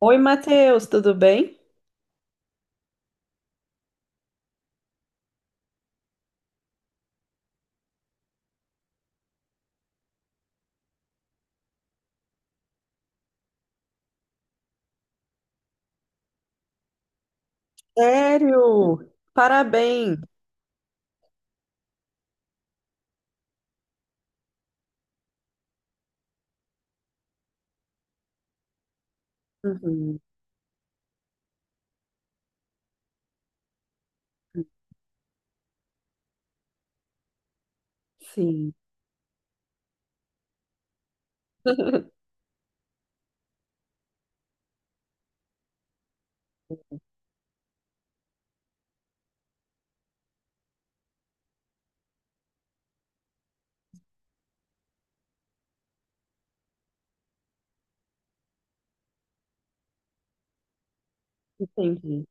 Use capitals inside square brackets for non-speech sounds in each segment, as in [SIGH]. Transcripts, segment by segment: Oi, Matheus, tudo bem? Sério? Parabéns. Uhum. Sim. [LAUGHS] Entendi.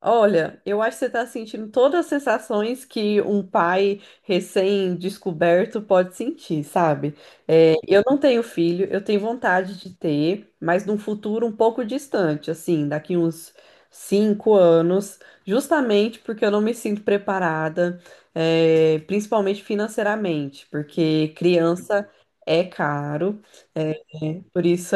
Olha, eu acho que você está sentindo todas as sensações que um pai recém-descoberto pode sentir, sabe? É, eu não tenho filho, eu tenho vontade de ter, mas num futuro um pouco distante, assim, daqui uns 5 anos, justamente porque eu não me sinto preparada, principalmente financeiramente, porque criança é caro. É. Por isso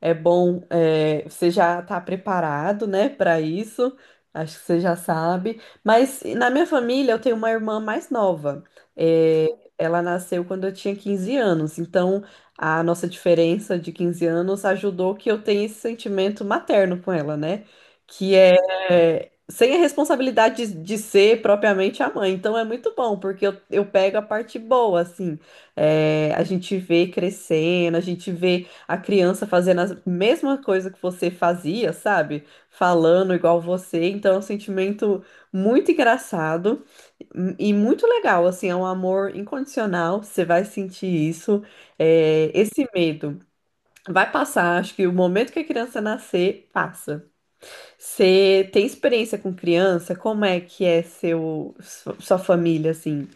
é bom, você já está preparado, né, para isso. Acho que você já sabe. Mas na minha família eu tenho uma irmã mais nova. É, ela nasceu quando eu tinha 15 anos. Então a nossa diferença de 15 anos ajudou que eu tenha esse sentimento materno com ela, né? Que é sem a responsabilidade de ser propriamente a mãe. Então é muito bom, porque eu pego a parte boa, assim. É, a gente vê crescendo, a gente vê a criança fazendo a mesma coisa que você fazia, sabe? Falando igual você. Então, é um sentimento muito engraçado e muito legal, assim, é um amor incondicional. Você vai sentir isso, é, esse medo. Vai passar, acho que o momento que a criança nascer, passa. Você tem experiência com criança? Como é que é sua família, assim?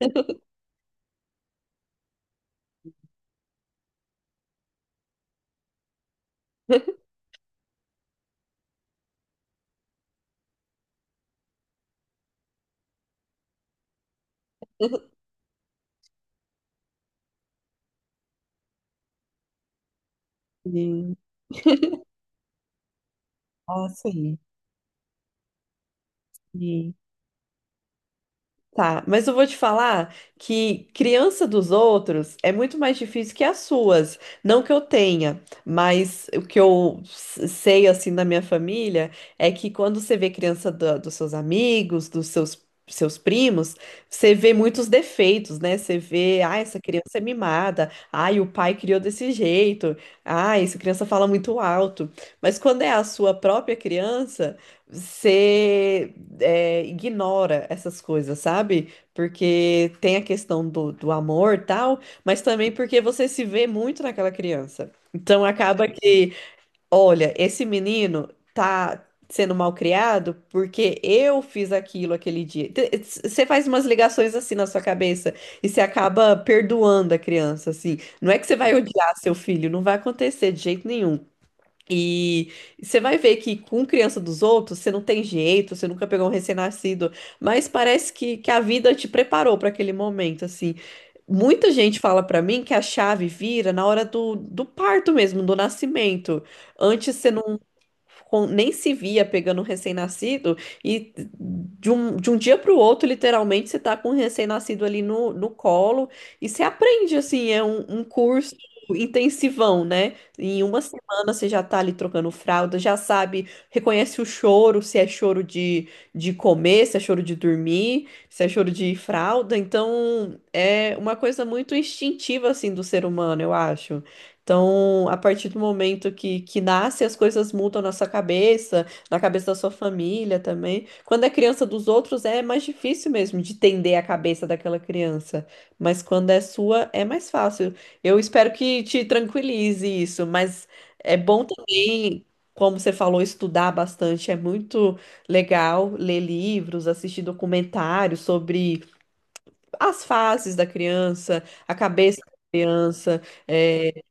Sim. [LAUGHS] Sim. Ah, sim. Sim. Tá, mas eu vou te falar que criança dos outros é muito mais difícil que as suas. Não que eu tenha, mas o que eu sei assim da minha família é que quando você vê criança dos seus amigos, seus primos, você vê muitos defeitos, né? Você vê, ah, essa criança é mimada, ai, o pai criou desse jeito, ah, essa criança fala muito alto. Mas quando é a sua própria criança, você ignora essas coisas, sabe? Porque tem a questão do amor e tal, mas também porque você se vê muito naquela criança. Então acaba que, olha, esse menino tá sendo mal criado porque eu fiz aquilo aquele dia. Você faz umas ligações assim na sua cabeça e você acaba perdoando a criança, assim. Não é que você vai odiar seu filho, não vai acontecer de jeito nenhum. E você vai ver que com criança dos outros, você não tem jeito, você nunca pegou um recém-nascido, mas parece que a vida te preparou para aquele momento, assim. Muita gente fala para mim que a chave vira na hora do parto mesmo, do nascimento. Antes você não, nem se via pegando um recém-nascido e de um dia para o outro, literalmente, você tá com um recém-nascido ali no colo e você aprende, assim, é um curso intensivão, né? Em uma semana você já tá ali trocando fralda, já sabe, reconhece o choro, se é choro de comer, se é choro de dormir, se é choro de fralda. Então, é uma coisa muito instintiva, assim, do ser humano, eu acho. Então, a partir do momento que nasce, as coisas mudam na sua cabeça, na cabeça da sua família também. Quando é criança dos outros, é mais difícil mesmo de entender a cabeça daquela criança. Mas quando é sua, é mais fácil. Eu espero que te tranquilize isso, mas é bom também, como você falou, estudar bastante. É muito legal ler livros, assistir documentários sobre as fases da criança, a cabeça da criança. é,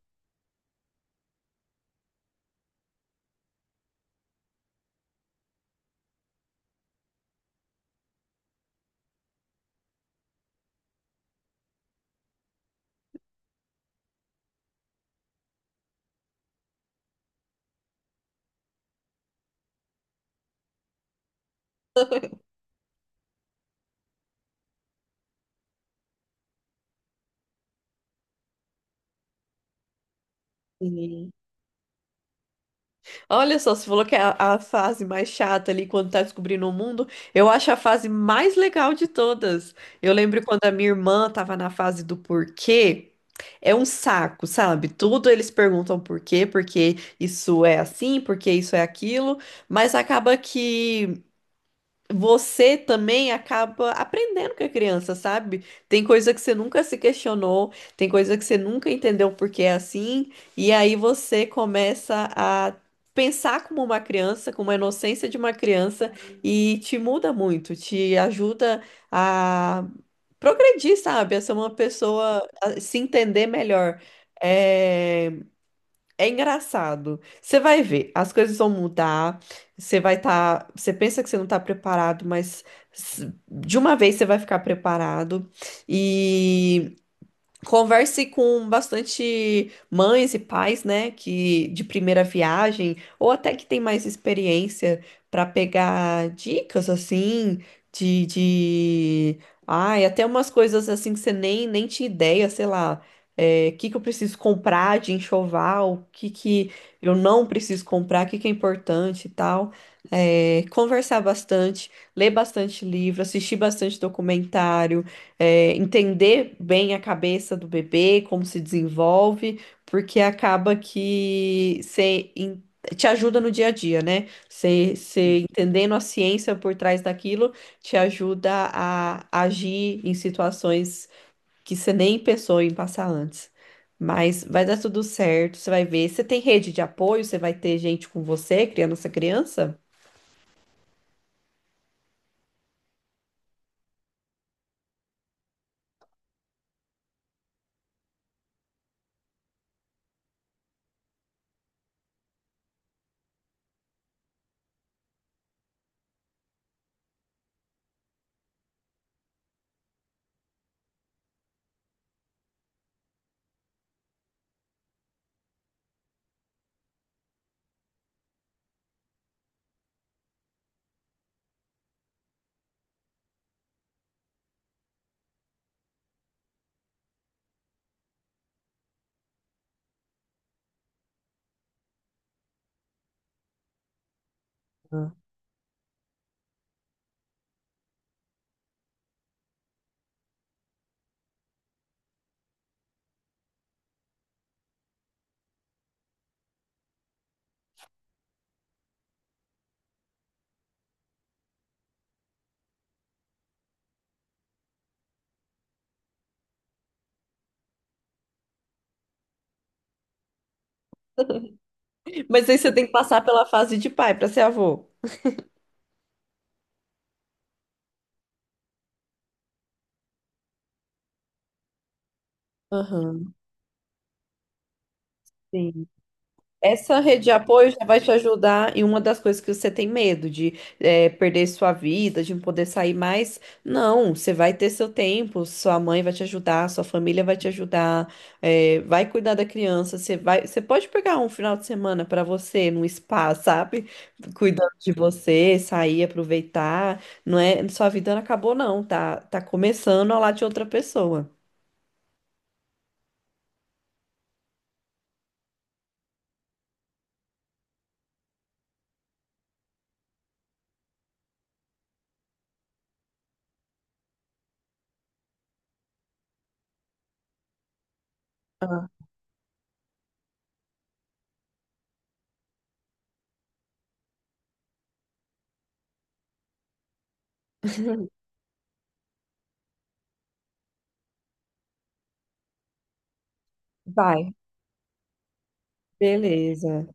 Olha só, você falou que é a fase mais chata ali quando tá descobrindo o mundo. Eu acho a fase mais legal de todas. Eu lembro quando a minha irmã tava na fase do porquê. É um saco, sabe? Tudo eles perguntam por quê, porque isso é assim, porque isso é aquilo, mas acaba que você também acaba aprendendo com a criança, sabe? Tem coisa que você nunca se questionou, tem coisa que você nunca entendeu por que é assim, e aí você começa a pensar como uma criança, com uma inocência de uma criança, e te muda muito, te ajuda a progredir, sabe? A ser uma pessoa, a se entender melhor. É, é engraçado. Você vai ver, as coisas vão mudar. Você vai estar. Você pensa que você não está preparado, mas de uma vez você vai ficar preparado. Converse com bastante mães e pais, né, que de primeira viagem ou até que tem mais experiência para pegar dicas assim de... Ai, até umas coisas assim que você nem tinha ideia, sei lá, o que que eu preciso comprar de enxoval, o que que eu não preciso comprar, o que que é importante e tal. É, conversar bastante, ler bastante livro, assistir bastante documentário, entender bem a cabeça do bebê, como se desenvolve, porque acaba que te ajuda no dia a dia, né? Você entendendo a ciência por trás daquilo te ajuda a agir em situações que você nem pensou em passar antes. Mas vai dar tudo certo, você vai ver. Você tem rede de apoio, você vai ter gente com você criando essa criança. Mas aí você tem que passar pela fase de pai para ser avô. Aham. Sim. Essa rede de apoio já vai te ajudar em uma das coisas que você tem medo, de perder sua vida, de não poder sair mais. Não, você vai ter seu tempo, sua mãe vai te ajudar, sua família vai te ajudar, vai cuidar da criança. Você vai, você pode pegar um final de semana para você, num spa, sabe? Cuidando de você, sair, aproveitar. Não é, sua vida não acabou, não, tá? Tá começando a lá de outra pessoa. Ah, vai, beleza.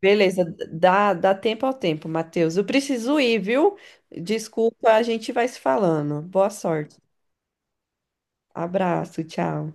Beleza, dá tempo ao tempo, Matheus. Eu preciso ir, viu? Desculpa, a gente vai se falando. Boa sorte. Abraço, tchau.